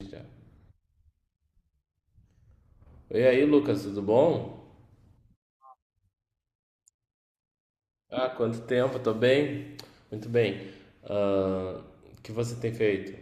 Já. E aí, Lucas, tudo bom? Quanto tempo, tô bem? Muito bem. Ah, o que você tem feito?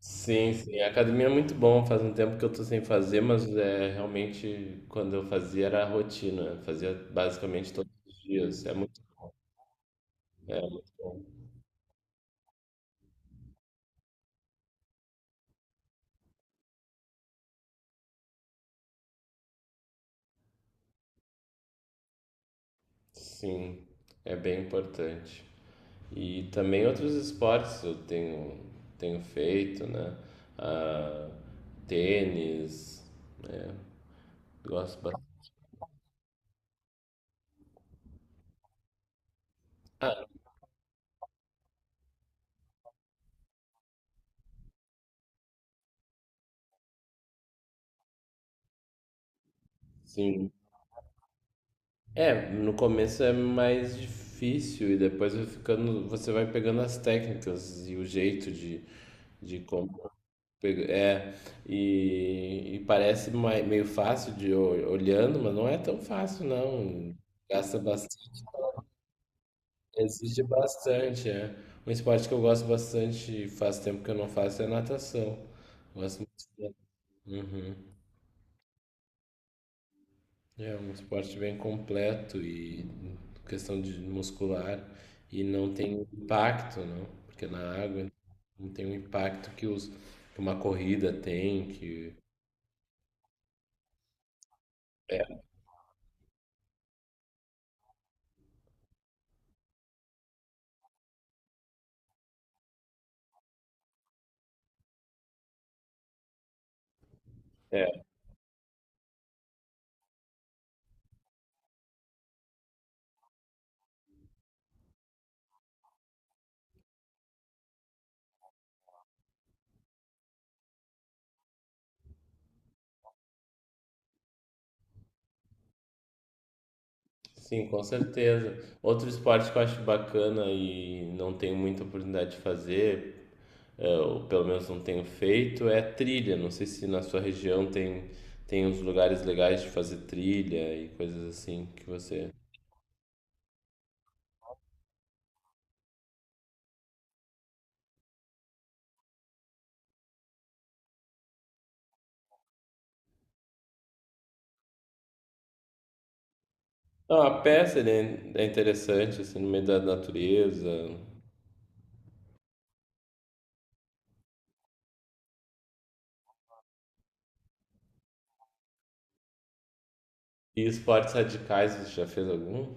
Sim, a academia é muito bom, faz um tempo que eu tô sem fazer, mas é realmente quando eu fazia era a rotina, fazia basicamente todos os dias. É muito bom. Sim, é bem importante. E também outros esportes tenho feito, né? Ah, Tênis, né? Gosto bastante. Ah, sim. É, no começo é mais difícil e depois vai ficando, você vai pegando as técnicas e o jeito de como é e parece meio fácil de olhando, mas não é tão fácil não. Gasta bastante, exige bastante, é. Um esporte que eu gosto bastante, e faz tempo que eu não faço, é natação. Gosto. Uhum. É um esporte bem completo e questão de muscular e não tem impacto, não, porque na água não tem o impacto que uma corrida tem, que é, é, sim, com certeza. Outro esporte que eu acho bacana e não tenho muita oportunidade de fazer, é, ou pelo menos não tenho feito, é trilha. Não sei se na sua região tem uns lugares legais de fazer trilha e coisas assim que você. Não, a pé seria é interessante, assim, no meio da natureza. E esportes radicais, você já fez algum?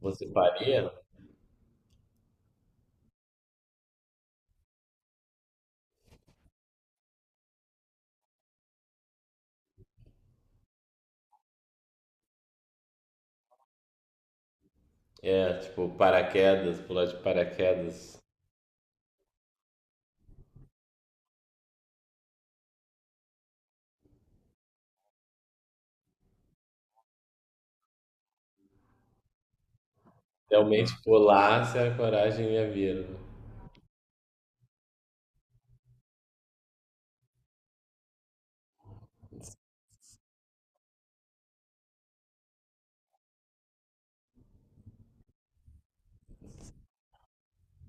Você faria? É, tipo, paraquedas, pular de paraquedas. Realmente pular, se a coragem ia vir, né?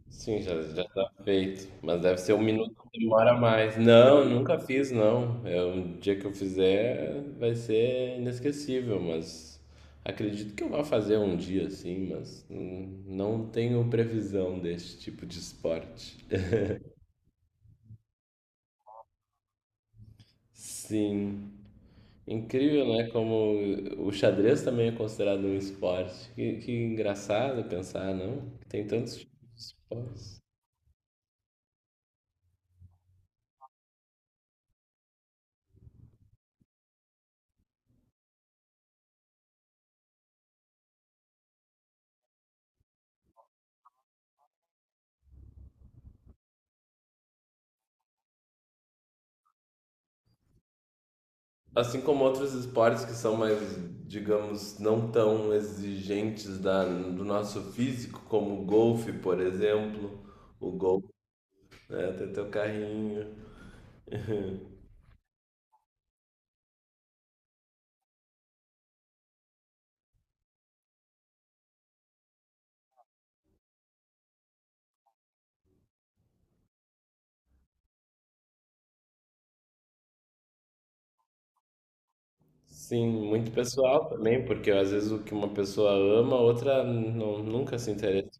Sim, já tá feito. Mas deve ser um minuto que demora mais. Não, nunca fiz, não. É um dia que eu fizer vai ser inesquecível, mas acredito que eu vá fazer um dia sim, mas não tenho previsão desse tipo de esporte. Sim, incrível, né? Como o xadrez também é considerado um esporte. Que engraçado pensar, não? Tem tantos tipos de esportes. Assim como outros esportes que são mais, digamos, não tão exigentes do nosso físico, como o golfe, por exemplo. O golfe, né? Tem teu carrinho. Sim, muito pessoal também, porque às vezes o que uma pessoa ama, a outra não, nunca se interessa.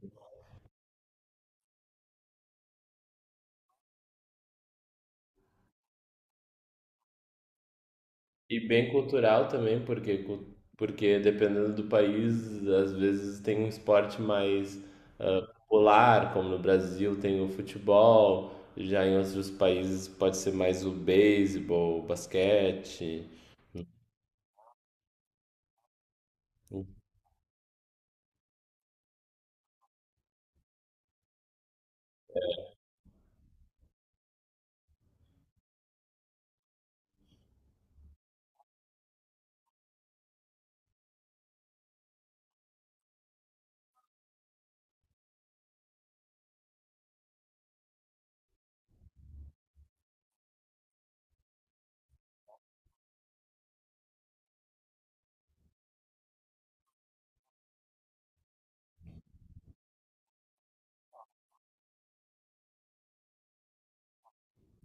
E bem cultural também, porque porque dependendo do país, às vezes tem um esporte mais ah, popular, como no Brasil tem o futebol, já em outros países pode ser mais o beisebol, o basquete.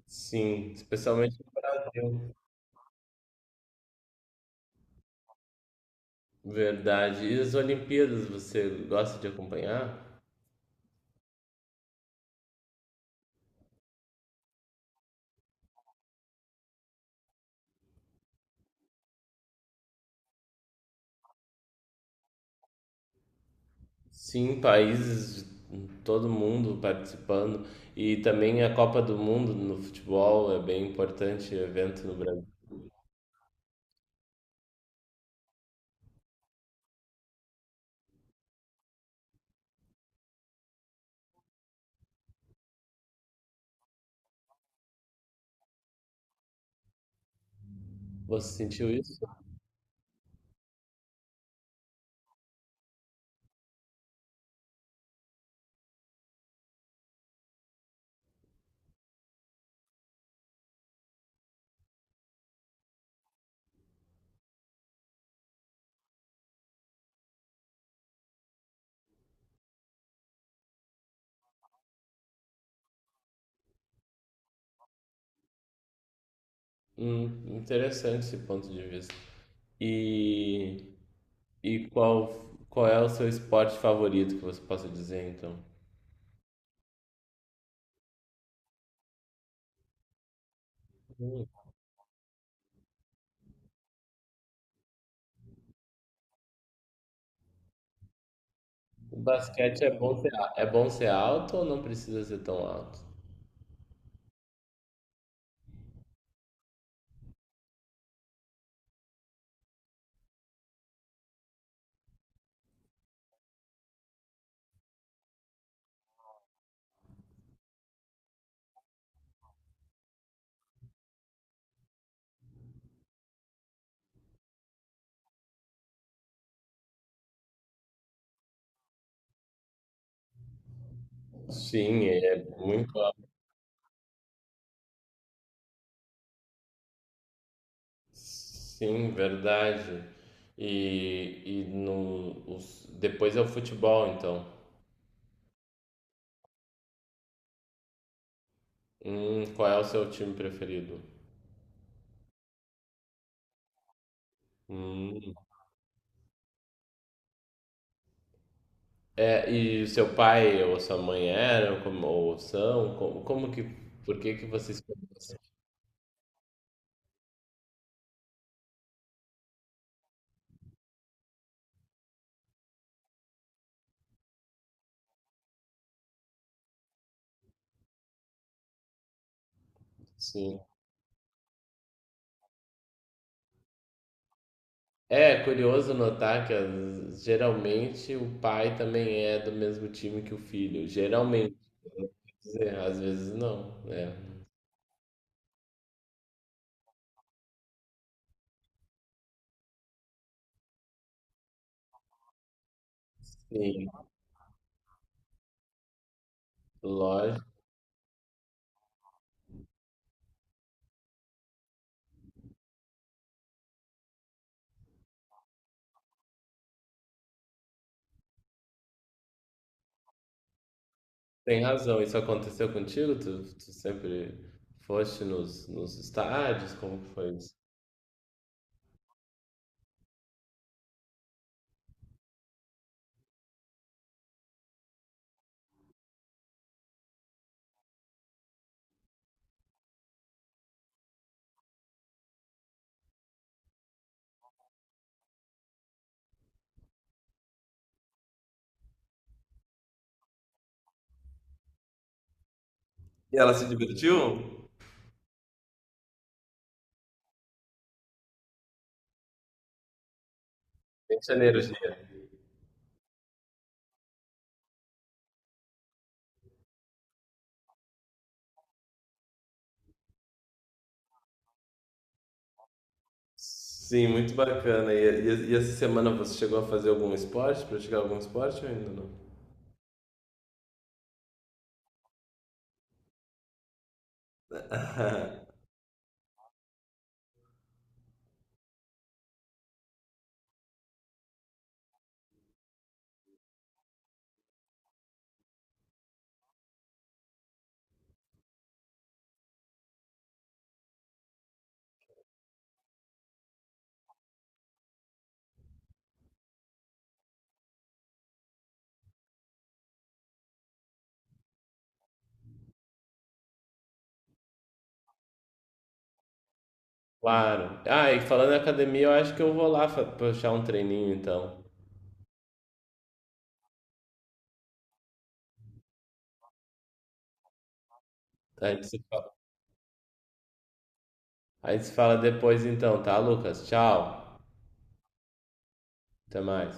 Sim, especialmente no Brasil. Verdade. E as Olimpíadas, você gosta de acompanhar? Sim, países, todo mundo participando. E também a Copa do Mundo no futebol é bem importante evento no Brasil. Você sentiu isso? Interessante esse ponto de vista. E, e qual, qual é o seu esporte favorito que você possa dizer, então? Hum, o basquete é bom ser, é bom ser alto ou não precisa ser tão alto? Sim, é muito alto. Sim, verdade. E no, os, depois é o futebol, então. Qual é o seu time preferido? Hum. É, e seu pai ou sua mãe eram como, ou são? Por que que vocês conhecem assim? É curioso notar que geralmente o pai também é do mesmo time que o filho. Geralmente, quer dizer, às vezes não, né? Sim, lógico, tem razão. Isso aconteceu contigo? Tu sempre foste nos estádios? Como que foi isso? E ela se divertiu? Em Janeiro, sim, muito bacana. E essa semana você chegou a fazer algum esporte, praticar algum esporte ou ainda não? Claro. Ah, e falando em academia, eu acho que eu vou lá puxar um treininho então. A gente se fala, a gente se fala depois então, tá, Lucas? Tchau. Até mais.